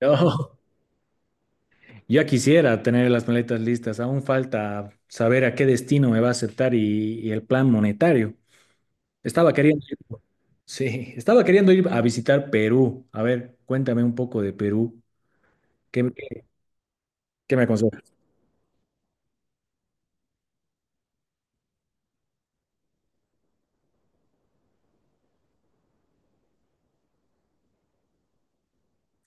No, ya quisiera tener las maletas listas. Aún falta saber a qué destino me va a aceptar y el plan monetario. Estaba queriendo ir, sí, estaba queriendo ir a visitar Perú. A ver, cuéntame un poco de Perú. ¿Qué, qué- qué me aconsejas?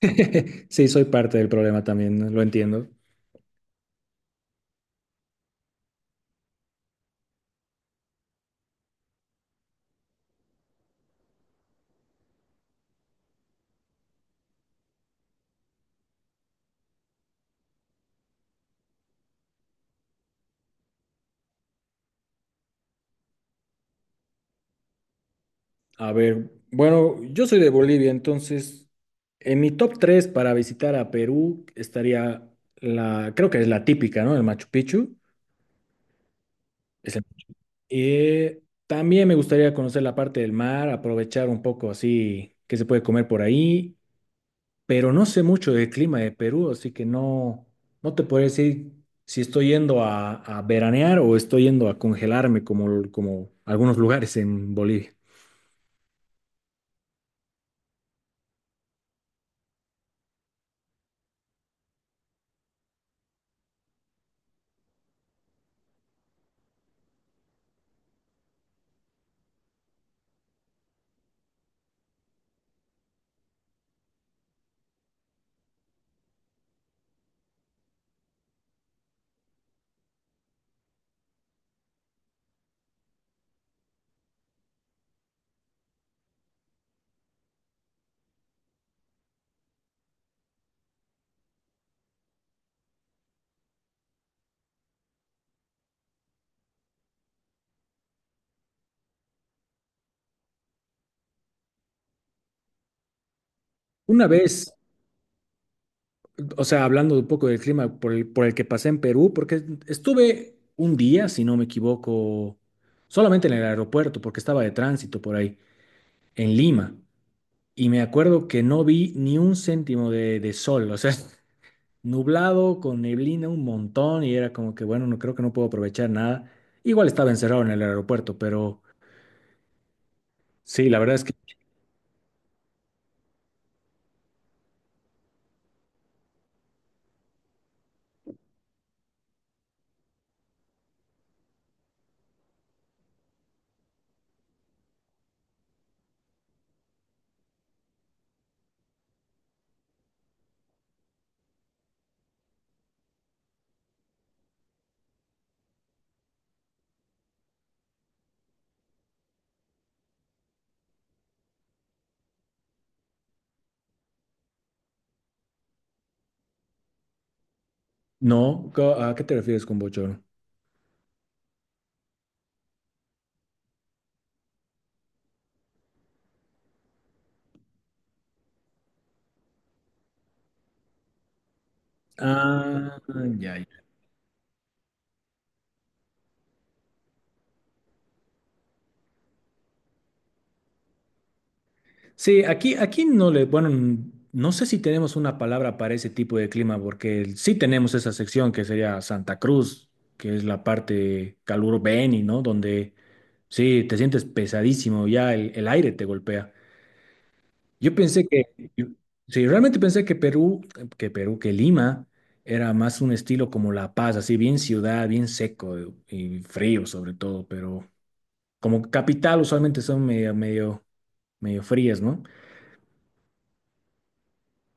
Sí, soy parte del problema también, ¿no? Lo entiendo. A ver, bueno, yo soy de Bolivia, entonces en mi top 3 para visitar a Perú estaría creo que es la típica, ¿no? El Machu Picchu. También me gustaría conocer la parte del mar, aprovechar un poco así que se puede comer por ahí, pero no sé mucho del clima de Perú, así que no te puedo decir si estoy yendo a veranear o estoy yendo a congelarme como algunos lugares en Bolivia. Una vez, o sea, hablando un poco del clima por el que pasé en Perú, porque estuve un día, si no me equivoco, solamente en el aeropuerto, porque estaba de tránsito por ahí, en Lima. Y me acuerdo que no vi ni un céntimo de sol, o sea, nublado, con neblina un montón, y era como que, bueno, no creo que no puedo aprovechar nada. Igual estaba encerrado en el aeropuerto, pero sí, la verdad es que no. ¿A qué te refieres con bochorno? Ah, ya, ya. Sí, aquí no le, bueno, no sé si tenemos una palabra para ese tipo de clima, porque sí tenemos esa sección que sería Santa Cruz, que es la parte caluro Beni, ¿no? Donde. Sí, te sientes pesadísimo, ya el aire te golpea. Yo pensé que, yo- Sí, realmente pensé que Lima era más un estilo como La Paz, así bien ciudad, bien seco y frío sobre todo, pero como capital usualmente son medio frías, ¿no?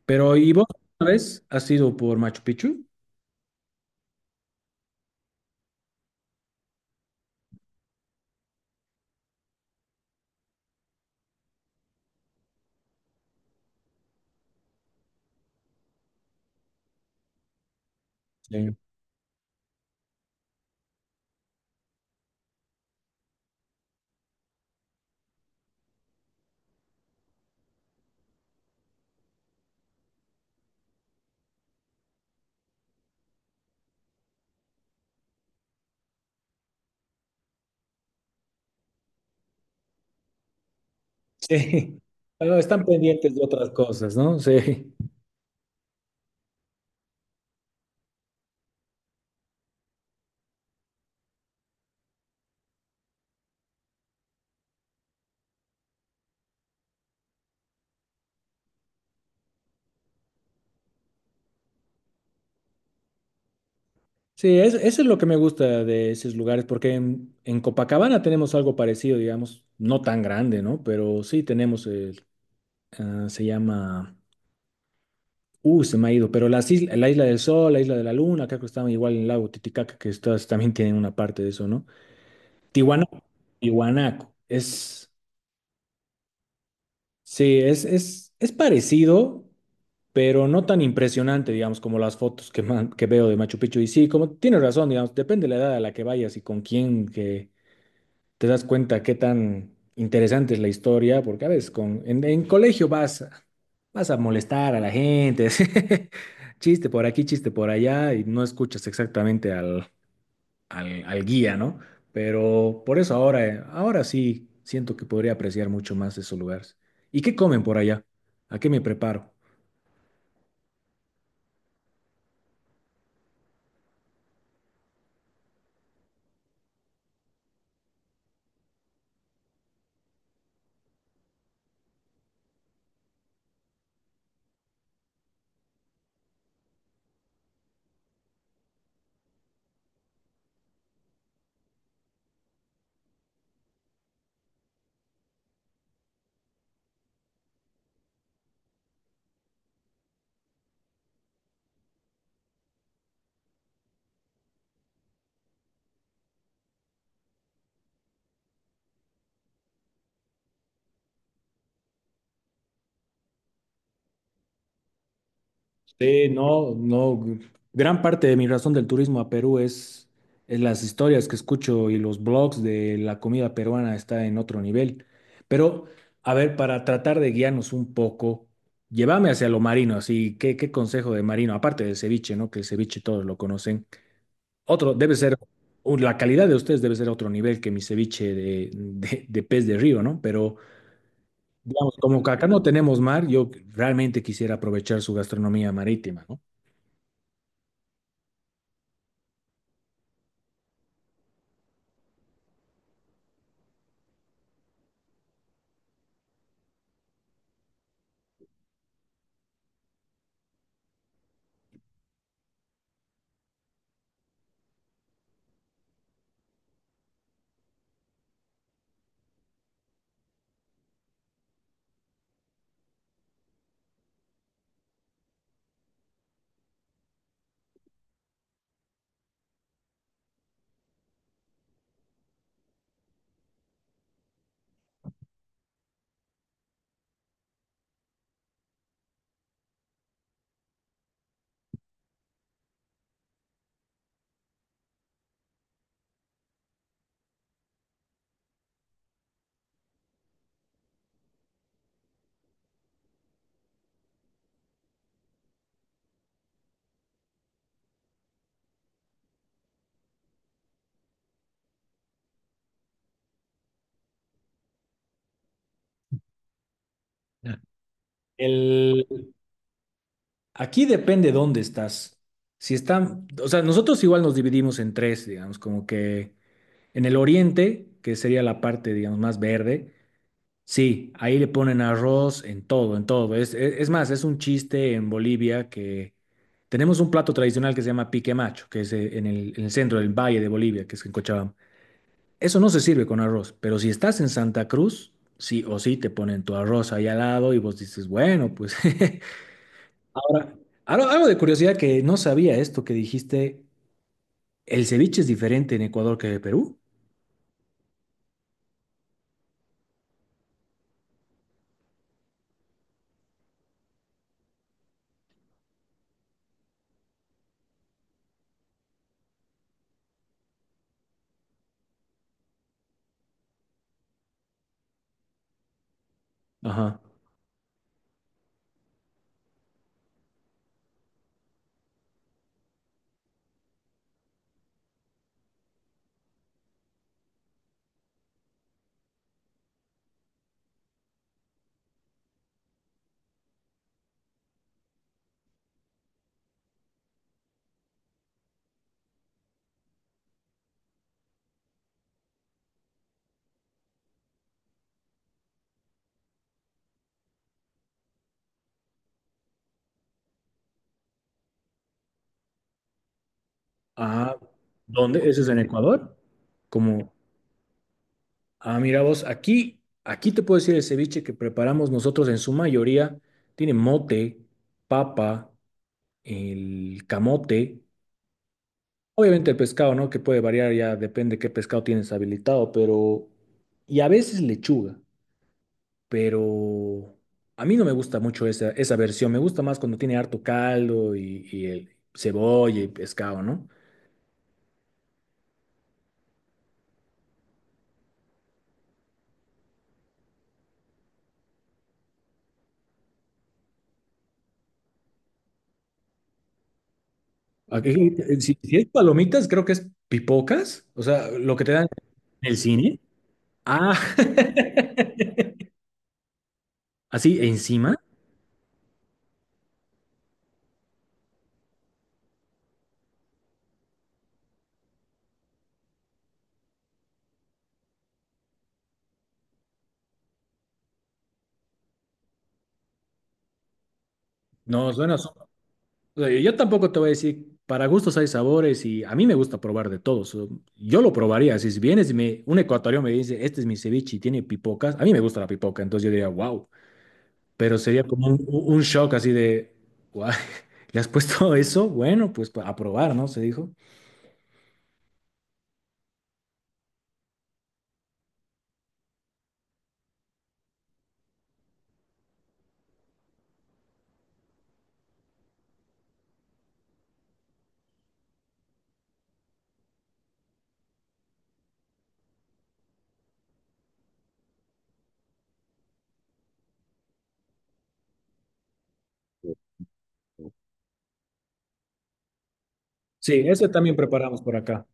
Pero ¿y vos una vez has ido por Machu Picchu? Sí. Sí. Ah, están pendientes de otras cosas, ¿no? Sí. Sí, eso es lo que me gusta de esos lugares, porque en Copacabana tenemos algo parecido, digamos, no tan grande, ¿no? Pero sí tenemos, el, ah, se llama, se me ha ido, pero la Isla del Sol, la Isla de la Luna, acá que estaban igual en el lago Titicaca, que estas también tienen una parte de eso, ¿no? Tiwanaku, Tiwanaku, sí, es parecido, pero no tan impresionante, digamos, como las fotos que veo de Machu Picchu. Y sí, como tienes razón, digamos, depende de la edad a la que vayas y con quién, que te das cuenta qué tan interesante es la historia, porque a veces en colegio vas, vas a molestar a la gente, así, chiste por aquí, chiste por allá, y no escuchas exactamente al guía, ¿no? Pero por eso ahora, ahora sí siento que podría apreciar mucho más esos lugares. ¿Y qué comen por allá? ¿A qué me preparo? Sí, no, no. Gran parte de mi razón del turismo a Perú es las historias que escucho y los blogs de la comida peruana está en otro nivel. Pero, a ver, para tratar de guiarnos un poco, llévame hacia lo marino, así, ¿qué consejo de marino? Aparte del ceviche, ¿no? Que el ceviche todos lo conocen. Otro, debe ser, la calidad de ustedes debe ser otro nivel que mi ceviche de pez de río, ¿no? Pero, digamos, como que acá no tenemos mar, yo realmente quisiera aprovechar su gastronomía marítima, ¿no? El, Aquí depende dónde estás. Si están, O sea, nosotros igual nos dividimos en tres, digamos, como que en el oriente, que sería la parte, digamos, más verde, sí, ahí le ponen arroz en todo, en todo. Es más, es un chiste en Bolivia que tenemos un plato tradicional que se llama pique macho, que es en el centro del valle de Bolivia, que es en Cochabamba. Eso no se sirve con arroz, pero si estás en Santa Cruz, sí o sí te ponen tu arroz ahí al lado y vos dices, bueno, pues. Ahora, algo de curiosidad que no sabía esto que dijiste, el ceviche es diferente en Ecuador que en Perú. Ajá. Ah, ¿dónde? ¿Eso es en Ecuador? Como, ah, mira vos, aquí te puedo decir el ceviche que preparamos nosotros en su mayoría tiene mote, papa, el camote, obviamente el pescado, ¿no? Que puede variar ya, depende qué pescado tienes habilitado, pero, y a veces lechuga. Pero a mí no me gusta mucho esa versión. Me gusta más cuando tiene harto caldo y el cebolla y pescado, ¿no? Aquí, si es palomitas, creo que es pipocas, o sea, lo que te dan en el cine. Ah, así encima. No, suena, o sea, yo tampoco te voy a decir, para gustos hay sabores y a mí me gusta probar de todos. Yo lo probaría. Si vienes y me, un ecuatoriano me dice, este es mi ceviche y tiene pipocas, a mí me gusta la pipoca, entonces yo diría, wow. Pero sería como un shock así de, guay, ¿le has puesto eso? Bueno, pues a probar, ¿no? Se dijo. Sí, eso también preparamos por acá.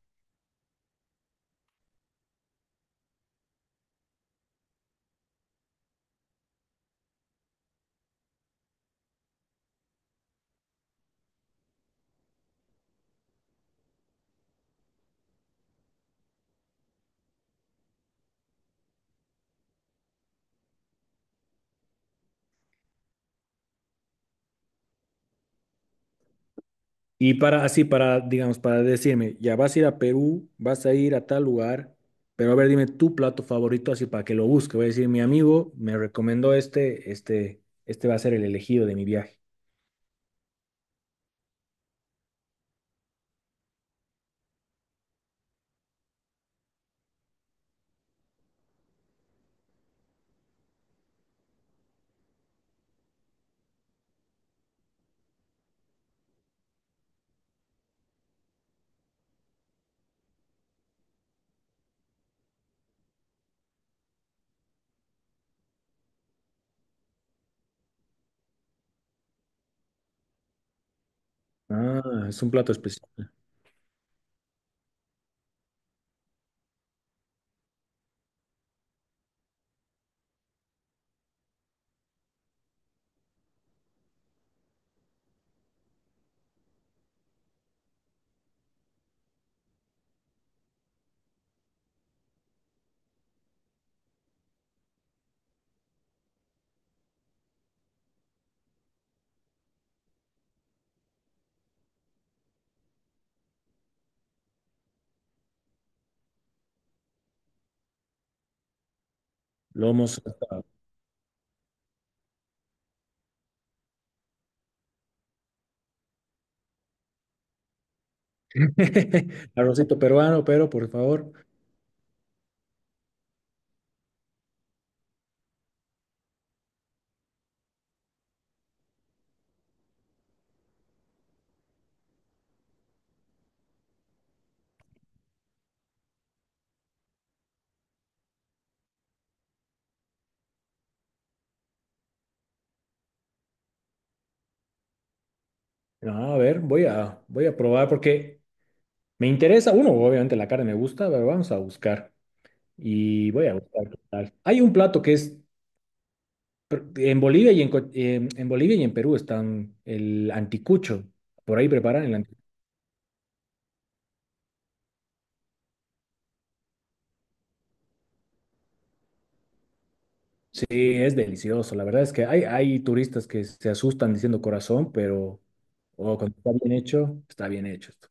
Y para, así, para, digamos, para decirme, ya vas a ir a Perú, vas a ir a tal lugar, pero a ver, dime tu plato favorito, así para que lo busque. Voy a decir, mi amigo me recomendó este va a ser el elegido de mi viaje. Ah, es un plato especial. Lomo saltado. Arrocito peruano, pero por favor. No, a ver, voy a probar porque me interesa, uno, obviamente la carne me gusta, pero vamos a buscar. Y voy a buscar qué tal. Hay un plato que es en Bolivia y en Bolivia y en Perú están el anticucho. Por ahí preparan el anticucho. Sí, es delicioso. La verdad es que hay turistas que se asustan diciendo corazón, pero oh, cuando está bien hecho esto.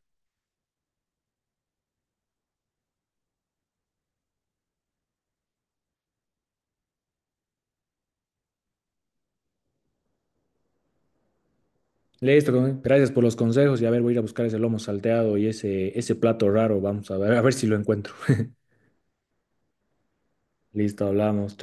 Listo, gracias por los consejos. Y a ver, voy a ir a buscar ese lomo salteado y ese plato raro. Vamos a ver si lo encuentro. Listo, hablamos.